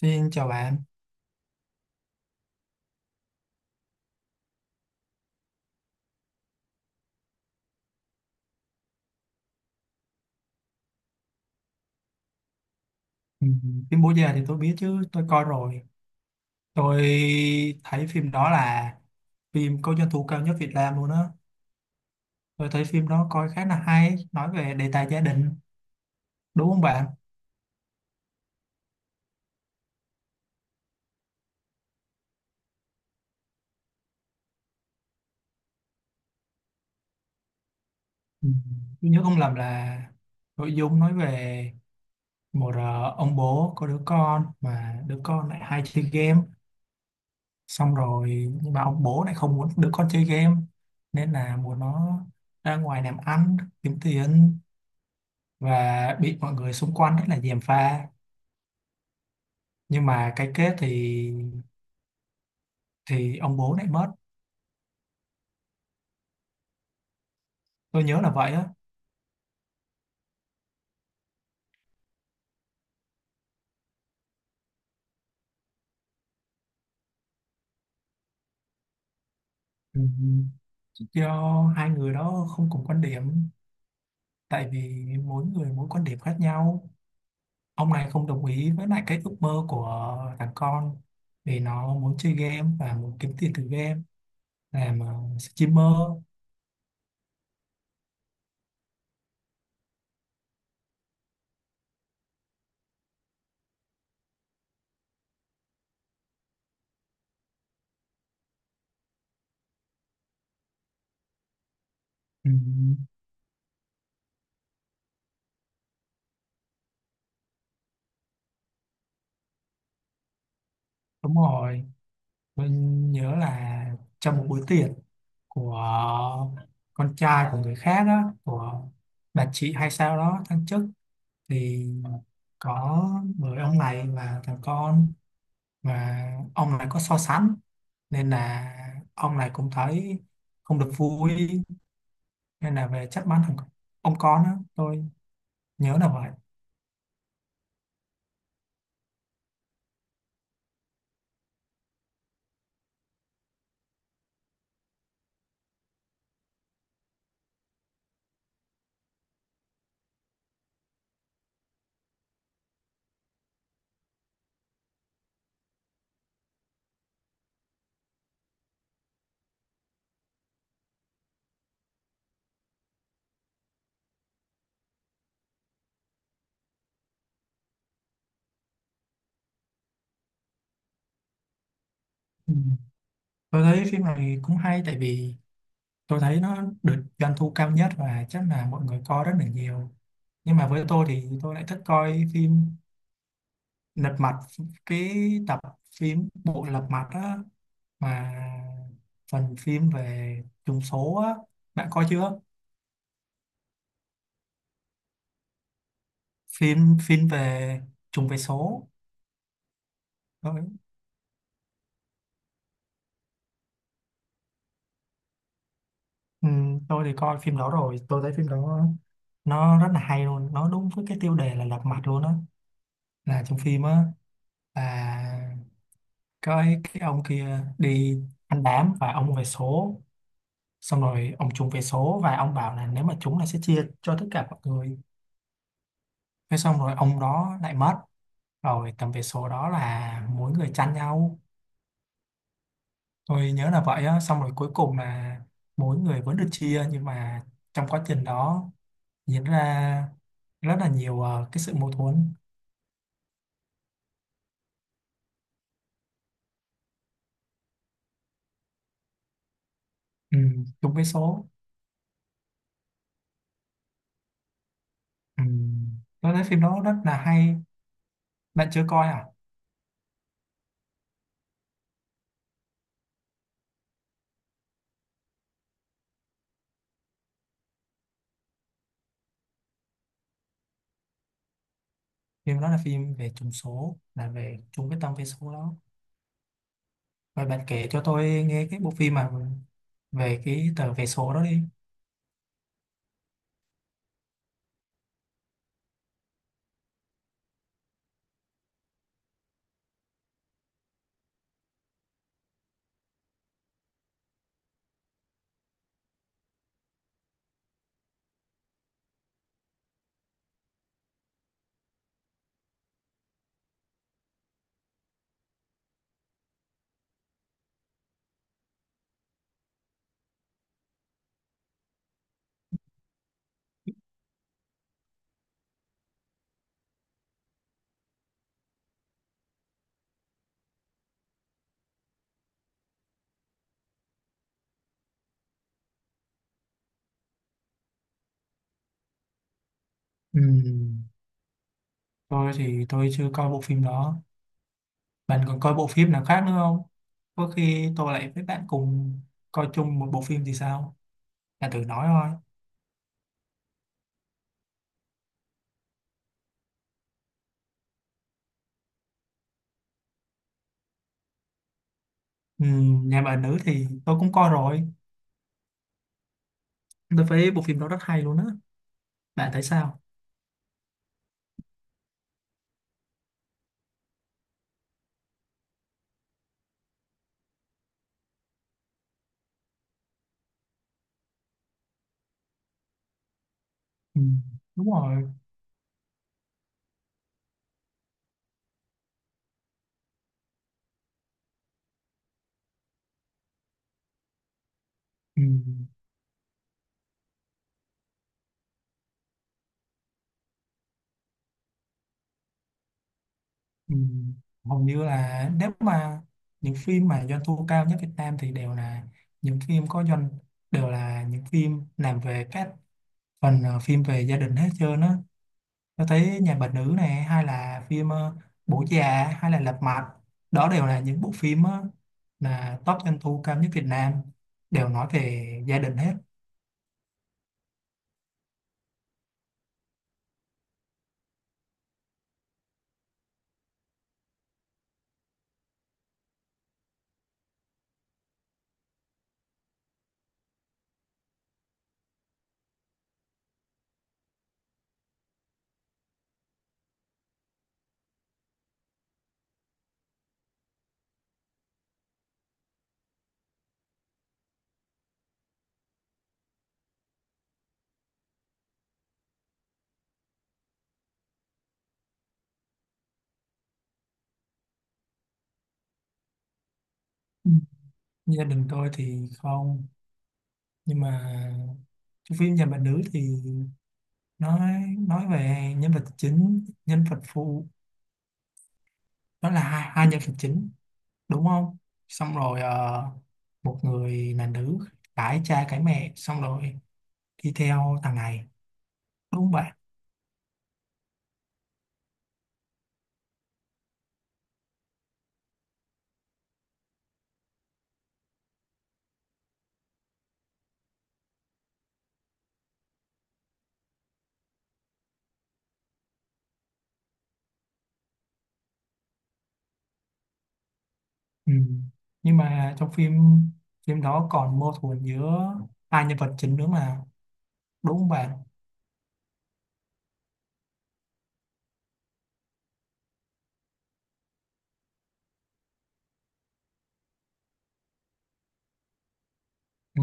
Xin chào bạn. Ừ, Phim Bố Già thì tôi biết chứ, tôi coi rồi. Tôi thấy phim đó là phim có doanh thu cao nhất Việt Nam luôn á. Tôi thấy phim đó coi khá là hay, nói về đề tài gia đình, đúng không bạn? Ừ, Tôi nhớ không lầm là nội dung nói về một ông bố có đứa con mà đứa con lại hay chơi game. Xong rồi nhưng mà ông bố lại không muốn đứa con chơi game, nên là muốn nó ra ngoài làm ăn kiếm tiền, và bị mọi người xung quanh rất là gièm pha, nhưng mà cái kết thì ông bố lại mất. Tôi nhớ là vậy á. Ừ, do hai người đó không cùng quan điểm, tại vì mỗi người mỗi quan điểm khác nhau. Ông này không đồng ý với lại cái ước mơ của thằng con, vì nó muốn chơi game và muốn kiếm tiền từ game, làm streamer. Ừ, đúng rồi. Tôi nhớ là trong một buổi tiệc của con trai của người khác đó, của bà chị hay sao đó thăng chức, thì có người ông này là thằng con, mà ông này có so sánh, nên là ông này cũng thấy không được vui, nên là về trách mắng thằng ông con đó. Tôi nhớ là vậy. Ừ. Tôi thấy phim này cũng hay, tại vì tôi thấy nó được doanh thu cao nhất và chắc là mọi người coi rất là nhiều. Nhưng mà với tôi thì tôi lại thích coi phim lật mặt, cái tập phim bộ lật mặt á, mà phần phim về trùng số á. Bạn coi chưa? Phim phim về trùng về số. tôi, ừ, tôi thì coi phim đó rồi. Tôi thấy phim đó nó rất là hay luôn, nó đúng với cái tiêu đề là lật mặt luôn á. Là trong phim á, là cái ông kia đi ăn đám và ông về số, xong rồi ông trúng về số và ông bảo là nếu mà trúng là sẽ chia cho tất cả mọi người. Thế xong rồi ông đó lại mất, rồi tầm về số đó là mỗi người chăn nhau. Tôi nhớ là vậy á. Xong rồi cuối cùng là mỗi người vẫn được chia, nhưng mà trong quá trình đó diễn ra rất là nhiều cái sự mâu thuẫn. Ừ, chung với số. Ừ. Tôi thấy phim đó rất là hay. Bạn chưa coi à? Phim đó là phim về trùng số, là về chung cái tâm về số đó. Rồi bạn kể cho tôi nghe cái bộ phim mà về cái tờ vé số đó đi. Ừ. Tôi thì tôi chưa coi bộ phim đó. Bạn còn coi bộ phim nào khác nữa không? Có khi tôi lại với bạn cùng coi chung một bộ phim thì sao? Bạn thử nói thôi. Ừ, nhà bà nữ thì tôi cũng coi rồi. Tôi thấy bộ phim đó rất hay luôn á. Bạn thấy sao? Ừ, đúng rồi. Ừ, ừ. Hầu như là nếu mà những phim mà doanh thu cao nhất Việt Nam thì đều là những phim có doanh, đều là những phim làm về các phần phim về gia đình hết trơn á. Tôi thấy Nhà Bà Nữ này hay là phim Bố Già hay là Lật Mặt, đó đều là những bộ phim là top doanh thu cao nhất Việt Nam, đều nói về gia đình hết. Ừ. Gia đình tôi thì không, nhưng mà cái phim Nhà Bà Nữ thì nói nói về nhân vật chính nhân vật phụ, đó là hai nhân vật chính, đúng không? Xong rồi một người là nữ, cái cha cái mẹ, xong rồi đi theo thằng này, đúng không? Ừ. Nhưng mà trong phim phim đó còn mâu thuẫn giữa hai nhân vật chính nữa mà, đúng không bạn? Ừ.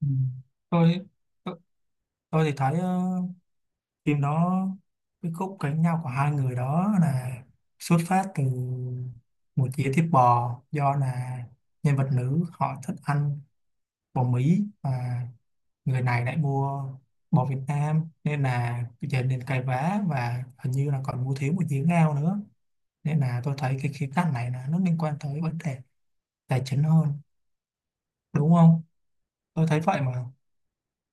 Ừ. Tôi, tôi tôi thì thấy phim đó, cái khúc cãi nhau của hai người đó là xuất phát từ một dĩa thịt bò, do là nhân vật nữ họ thích ăn bò Mỹ và người này lại mua bò Việt Nam, nên là dẫn đến cãi vã, và hình như là còn mua thiếu một dĩa ngao nữa, nên là tôi thấy cái khía cạnh này là nó liên quan tới vấn đề tài chính hơn, đúng không? Tôi thấy vậy mà,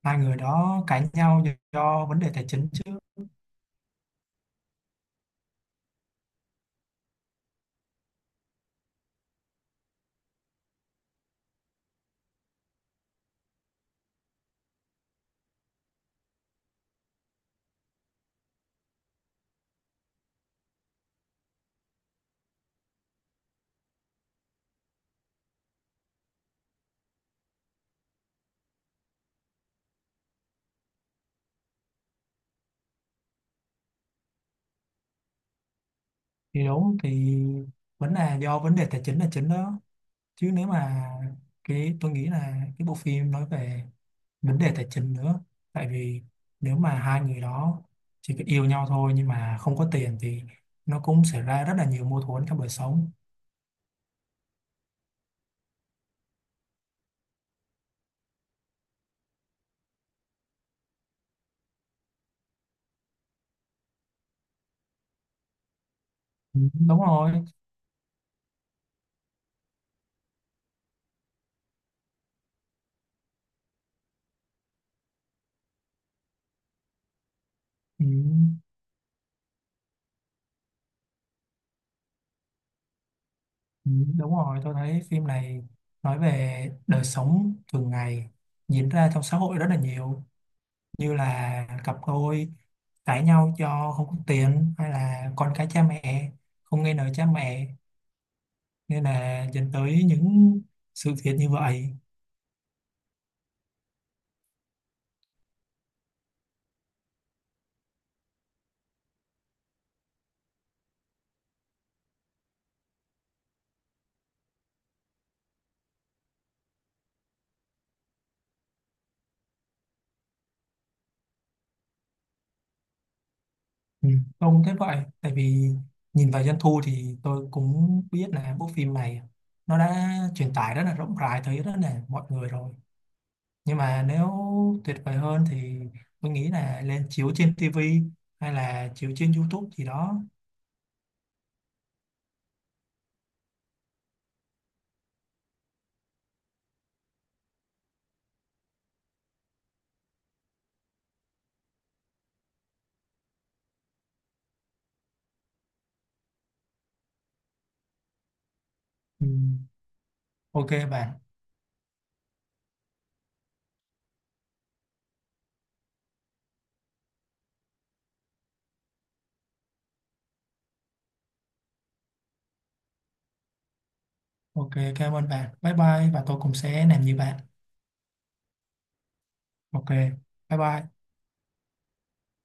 hai người đó cãi nhau do, do vấn đề tài chính chứ. Thì đúng thì vẫn là do vấn đề tài chính là chính đó, chứ nếu mà cái tôi nghĩ là cái bộ phim nói về vấn đề tài chính nữa, tại vì nếu mà hai người đó chỉ có yêu nhau thôi nhưng mà không có tiền thì nó cũng xảy ra rất là nhiều mâu thuẫn trong đời sống. Ừ, đúng rồi. Ừ, ừ, đúng rồi, tôi thấy phim này nói về đời sống thường ngày diễn ra trong xã hội rất là nhiều, như là cặp đôi cãi nhau do không có tiền, hay là con cái cha mẹ không nghe lời cha mẹ, nên là dẫn tới những sự việc như vậy. Ừ. Tôi cũng thấy vậy, tại vì nhìn vào doanh thu thì tôi cũng biết là bộ phim này nó đã truyền tải rất là rộng rãi tới rất là mọi người rồi. Nhưng mà nếu tuyệt vời hơn thì tôi nghĩ là lên chiếu trên TV hay là chiếu trên YouTube gì đó. Ừ. OK bạn. OK, cảm ơn bạn, bye bye, và tôi cũng sẽ làm như bạn. OK, bye bye.